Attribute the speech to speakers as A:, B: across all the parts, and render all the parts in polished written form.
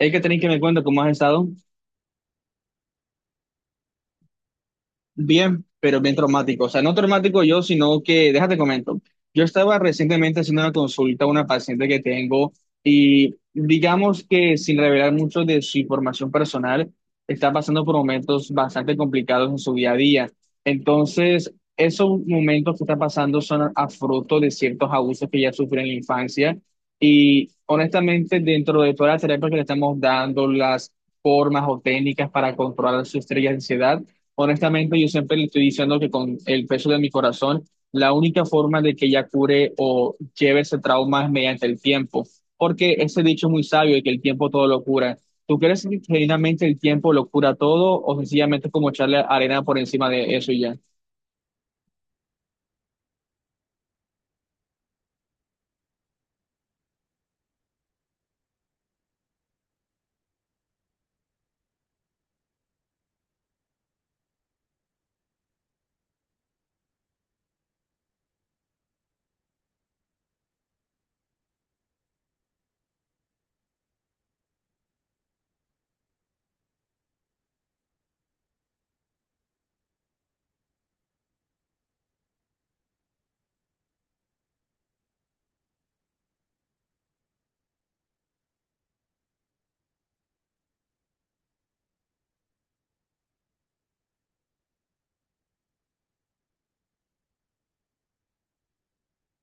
A: Hay que tener que me cuenta cómo has estado. Bien, pero bien traumático. O sea, no traumático yo, sino que, déjate comento. Yo estaba recientemente haciendo una consulta a una paciente que tengo y digamos que sin revelar mucho de su información personal, está pasando por momentos bastante complicados en su día a día. Entonces, esos momentos que está pasando son a fruto de ciertos abusos que ella sufrió en la infancia y honestamente dentro de todas las terapias que le estamos dando, las formas o técnicas para controlar su estrella de ansiedad. Honestamente, yo siempre le estoy diciendo que con el peso de mi corazón, la única forma de que ella cure o lleve ese trauma es mediante el tiempo, porque ese dicho es muy sabio de que el tiempo todo lo cura. ¿Tú crees que genuinamente el tiempo lo cura todo o sencillamente es como echarle arena por encima de eso y ya?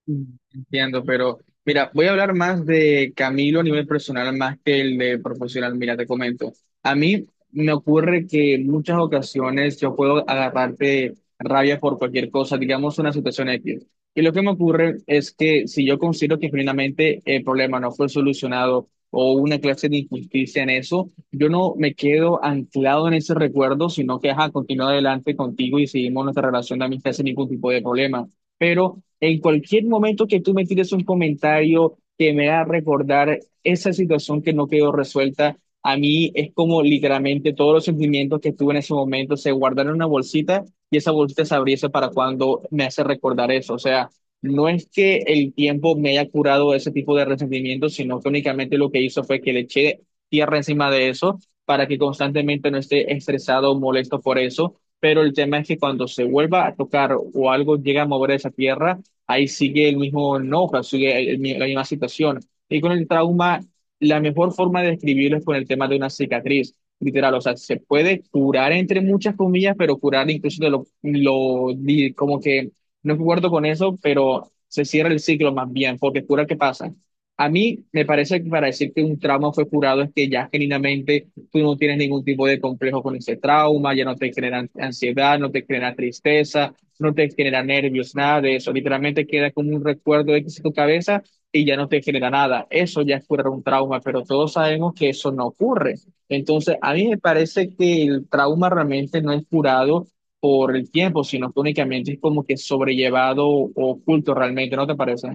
A: Mm. Entiendo, pero mira, voy a hablar más de Camilo a nivel personal más que el de profesional. Mira, te comento. A mí me ocurre que en muchas ocasiones yo puedo agarrarte rabia por cualquier cosa, digamos una situación X. Y lo que me ocurre es que si yo considero que genuinamente el problema no fue solucionado o hubo una clase de injusticia en eso, yo no me quedo anclado en ese recuerdo, sino que ajá, continúo adelante contigo y seguimos nuestra relación de amistad sin ningún tipo de problema. Pero en cualquier momento que tú me tires un comentario que me haga recordar esa situación que no quedó resuelta, a mí es como literalmente todos los sentimientos que tuve en ese momento se guardaron en una bolsita y esa bolsita se abriese para cuando me hace recordar eso. O sea, no es que el tiempo me haya curado ese tipo de resentimientos sino que únicamente lo que hizo fue que le eché tierra encima de eso para que constantemente no esté estresado o molesto por eso. Pero el tema es que cuando se vuelva a tocar o algo llega a mover esa tierra, ahí sigue el mismo enojo, sigue la misma situación. Y con el trauma, la mejor forma de describirlo es con el tema de una cicatriz, literal, o sea, se puede curar entre muchas comillas, pero curar incluso de como que no acuerdo con eso, pero se cierra el ciclo más bien, porque cura, ¿qué pasa? A mí me parece que para decir que un trauma fue curado es que ya genuinamente tú no tienes ningún tipo de complejo con ese trauma, ya no te genera ansiedad, no te genera tristeza, no te genera nervios, nada de eso. Literalmente queda como un recuerdo X en tu cabeza y ya no te genera nada. Eso ya es curar un trauma, pero todos sabemos que eso no ocurre. Entonces, a mí me parece que el trauma realmente no es curado por el tiempo, sino que únicamente es como que sobrellevado o oculto realmente, ¿no te parece?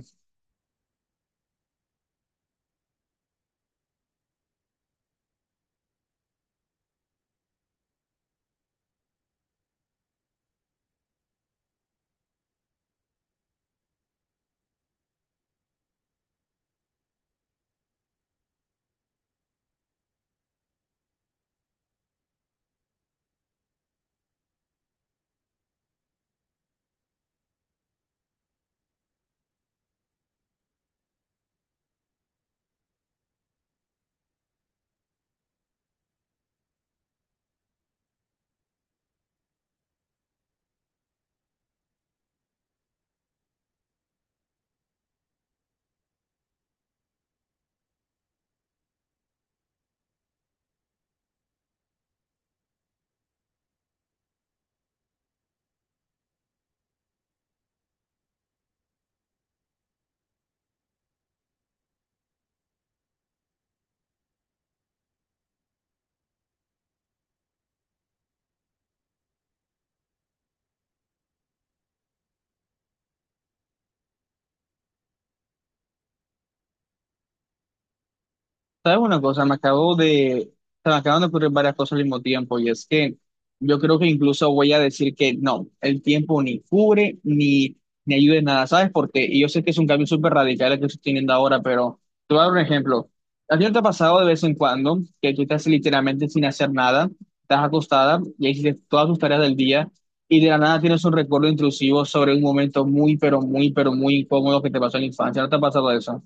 A: ¿Sabes una cosa? Se me acaban de ocurrir varias cosas al mismo tiempo y es que yo creo que incluso voy a decir que no, el tiempo ni cubre ni, ni ayuda en nada, ¿sabes? Porque y yo sé que es un cambio súper radical el que estoy teniendo ahora, pero te voy a dar un ejemplo. ¿A ti no te ha pasado de vez en cuando que tú estás literalmente sin hacer nada, estás acostada y hiciste todas tus tareas del día y de la nada tienes un recuerdo intrusivo sobre un momento muy, pero muy, pero muy incómodo que te pasó en la infancia? ¿No te ha pasado eso?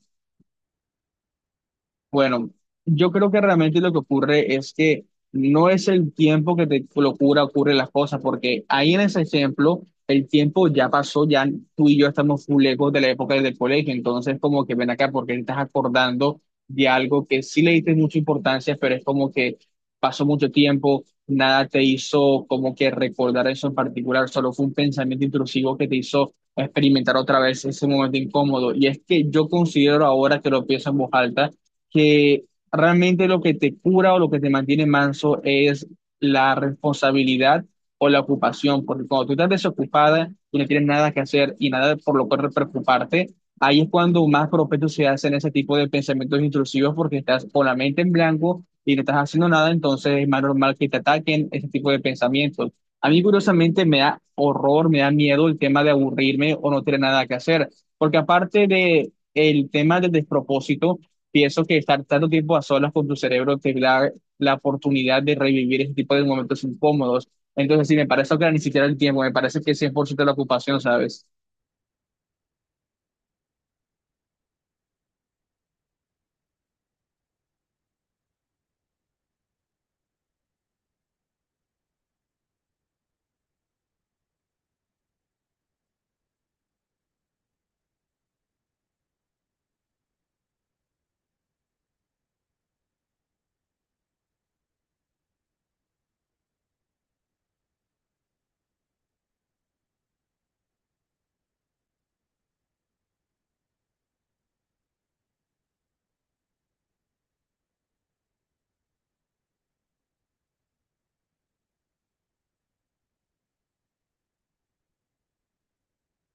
A: Bueno, yo creo que realmente lo que ocurre es que no es el tiempo que te lo cura, ocurre las cosas, porque ahí en ese ejemplo, el tiempo ya pasó, ya tú y yo estamos muy lejos de la época del colegio, entonces como que ven acá porque te estás acordando de algo que sí le diste mucha importancia, pero es como que pasó mucho tiempo, nada te hizo como que recordar eso en particular, solo fue un pensamiento intrusivo que te hizo experimentar otra vez ese momento incómodo. Y es que yo considero ahora que lo pienso en voz alta, que realmente lo que te cura o lo que te mantiene manso es la responsabilidad o la ocupación, porque cuando tú estás desocupada y no tienes nada que hacer y nada por lo cual preocuparte, ahí es cuando más propensos se hacen ese tipo de pensamientos intrusivos porque estás con la mente en blanco y no estás haciendo nada, entonces es más normal que te ataquen ese tipo de pensamientos. A mí curiosamente me da horror, me da miedo el tema de aburrirme o no tener nada que hacer, porque aparte de el tema del despropósito, pienso que estar tanto tiempo a solas con tu cerebro te da la oportunidad de revivir ese tipo de momentos incómodos. Entonces, sí, me parece que ni siquiera el tiempo, me parece que es cien por ciento la ocupación, ¿sabes?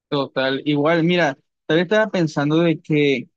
A: Total. Igual, mira, tal vez estaba pensando de que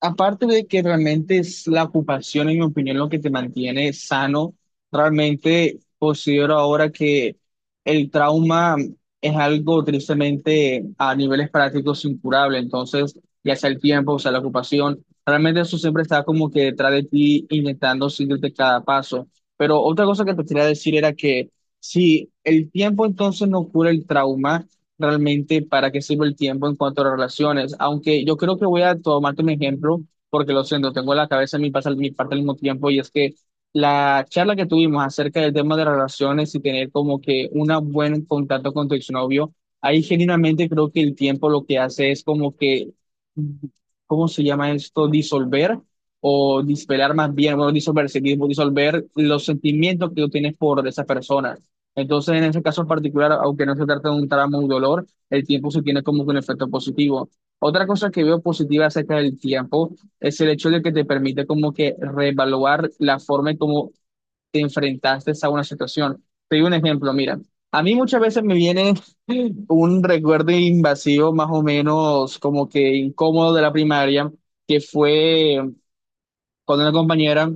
A: aparte de que realmente es la ocupación, en mi opinión, lo que te mantiene sano, realmente considero ahora que el trauma es algo tristemente a niveles prácticos incurable. Entonces, ya sea el tiempo, o sea la ocupación, realmente eso siempre está como que detrás de ti, intentando seguirte cada paso. Pero otra cosa que te quería decir era que si el tiempo entonces no cura el trauma, realmente para qué sirve el tiempo en cuanto a las relaciones. Aunque yo creo que voy a tomarte un ejemplo, porque lo siento, tengo en la cabeza en mi parte al mismo tiempo, y es que la charla que tuvimos acerca del tema de las relaciones y tener como que un buen contacto con tu exnovio, ahí genuinamente creo que el tiempo lo que hace es como que, ¿cómo se llama esto? Disolver. O dispelar más bien, bueno, disolver, sí, disolver los sentimientos que tú tienes por esa persona. Entonces, en ese caso en particular, aunque no se trata de un tramo o dolor, el tiempo se tiene como que un efecto positivo. Otra cosa que veo positiva acerca del tiempo es el hecho de que te permite como que reevaluar la forma en cómo te enfrentaste a una situación. Te doy un ejemplo, mira, a mí muchas veces me viene un recuerdo invasivo más o menos como que incómodo de la primaria, que fue con una compañera,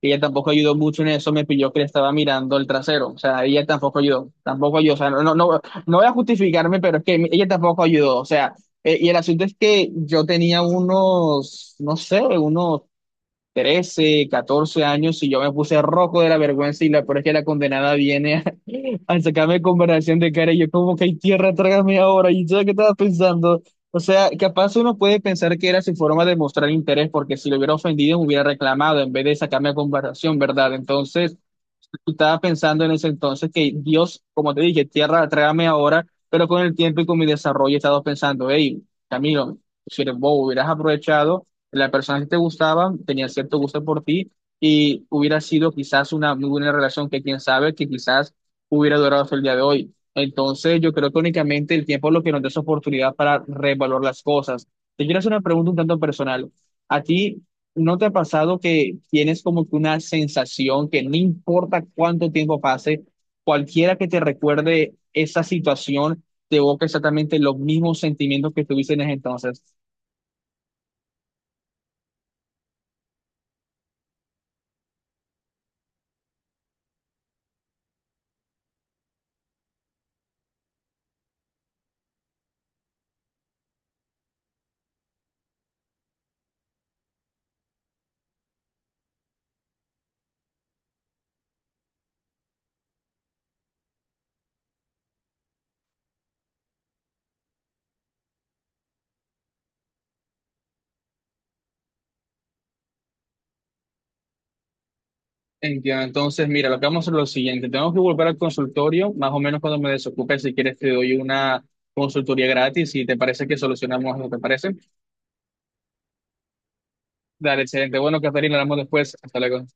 A: ella tampoco ayudó mucho en eso, me pilló que le estaba mirando el trasero, o sea, ella tampoco ayudó, tampoco ayudó, o sea, no, voy a justificarme, pero es que ella tampoco ayudó, o sea, y el asunto es que yo tenía unos, no sé, unos 13 14 años y yo me puse rojo de la vergüenza y la, por es que la condenada viene al sacarme conversación de cara, y yo como que hay tierra, trágame ahora, y yo qué estaba pensando. O sea, capaz uno puede pensar que era su forma de mostrar interés, porque si lo hubiera ofendido me hubiera reclamado en vez de sacarme a conversación, ¿verdad? Entonces, yo estaba pensando en ese entonces que Dios, como te dije, tierra, trágame ahora, pero con el tiempo y con mi desarrollo he estado pensando, hey, Camilo, si eres bobo, hubieras aprovechado, la persona que te gustaba tenía cierto gusto por ti y hubiera sido quizás una muy buena relación que quién sabe que quizás hubiera durado hasta el día de hoy. Entonces yo creo que únicamente el tiempo es lo que nos da esa oportunidad para revalorar las cosas. Te quiero hacer una pregunta un tanto personal. ¿A ti ¿No te ha pasado que tienes como que una sensación que no importa cuánto tiempo pase, cualquiera que te recuerde esa situación te evoca exactamente los mismos sentimientos que tuviste en ese entonces? Entiendo. Entonces, mira, lo que vamos a hacer es lo siguiente. Tenemos que volver al consultorio, más o menos cuando me desocupe, si quieres te doy una consultoría gratis y te parece que solucionamos, ¿no te parece? Dale, excelente. Bueno, Catarina, hablamos después. Hasta luego.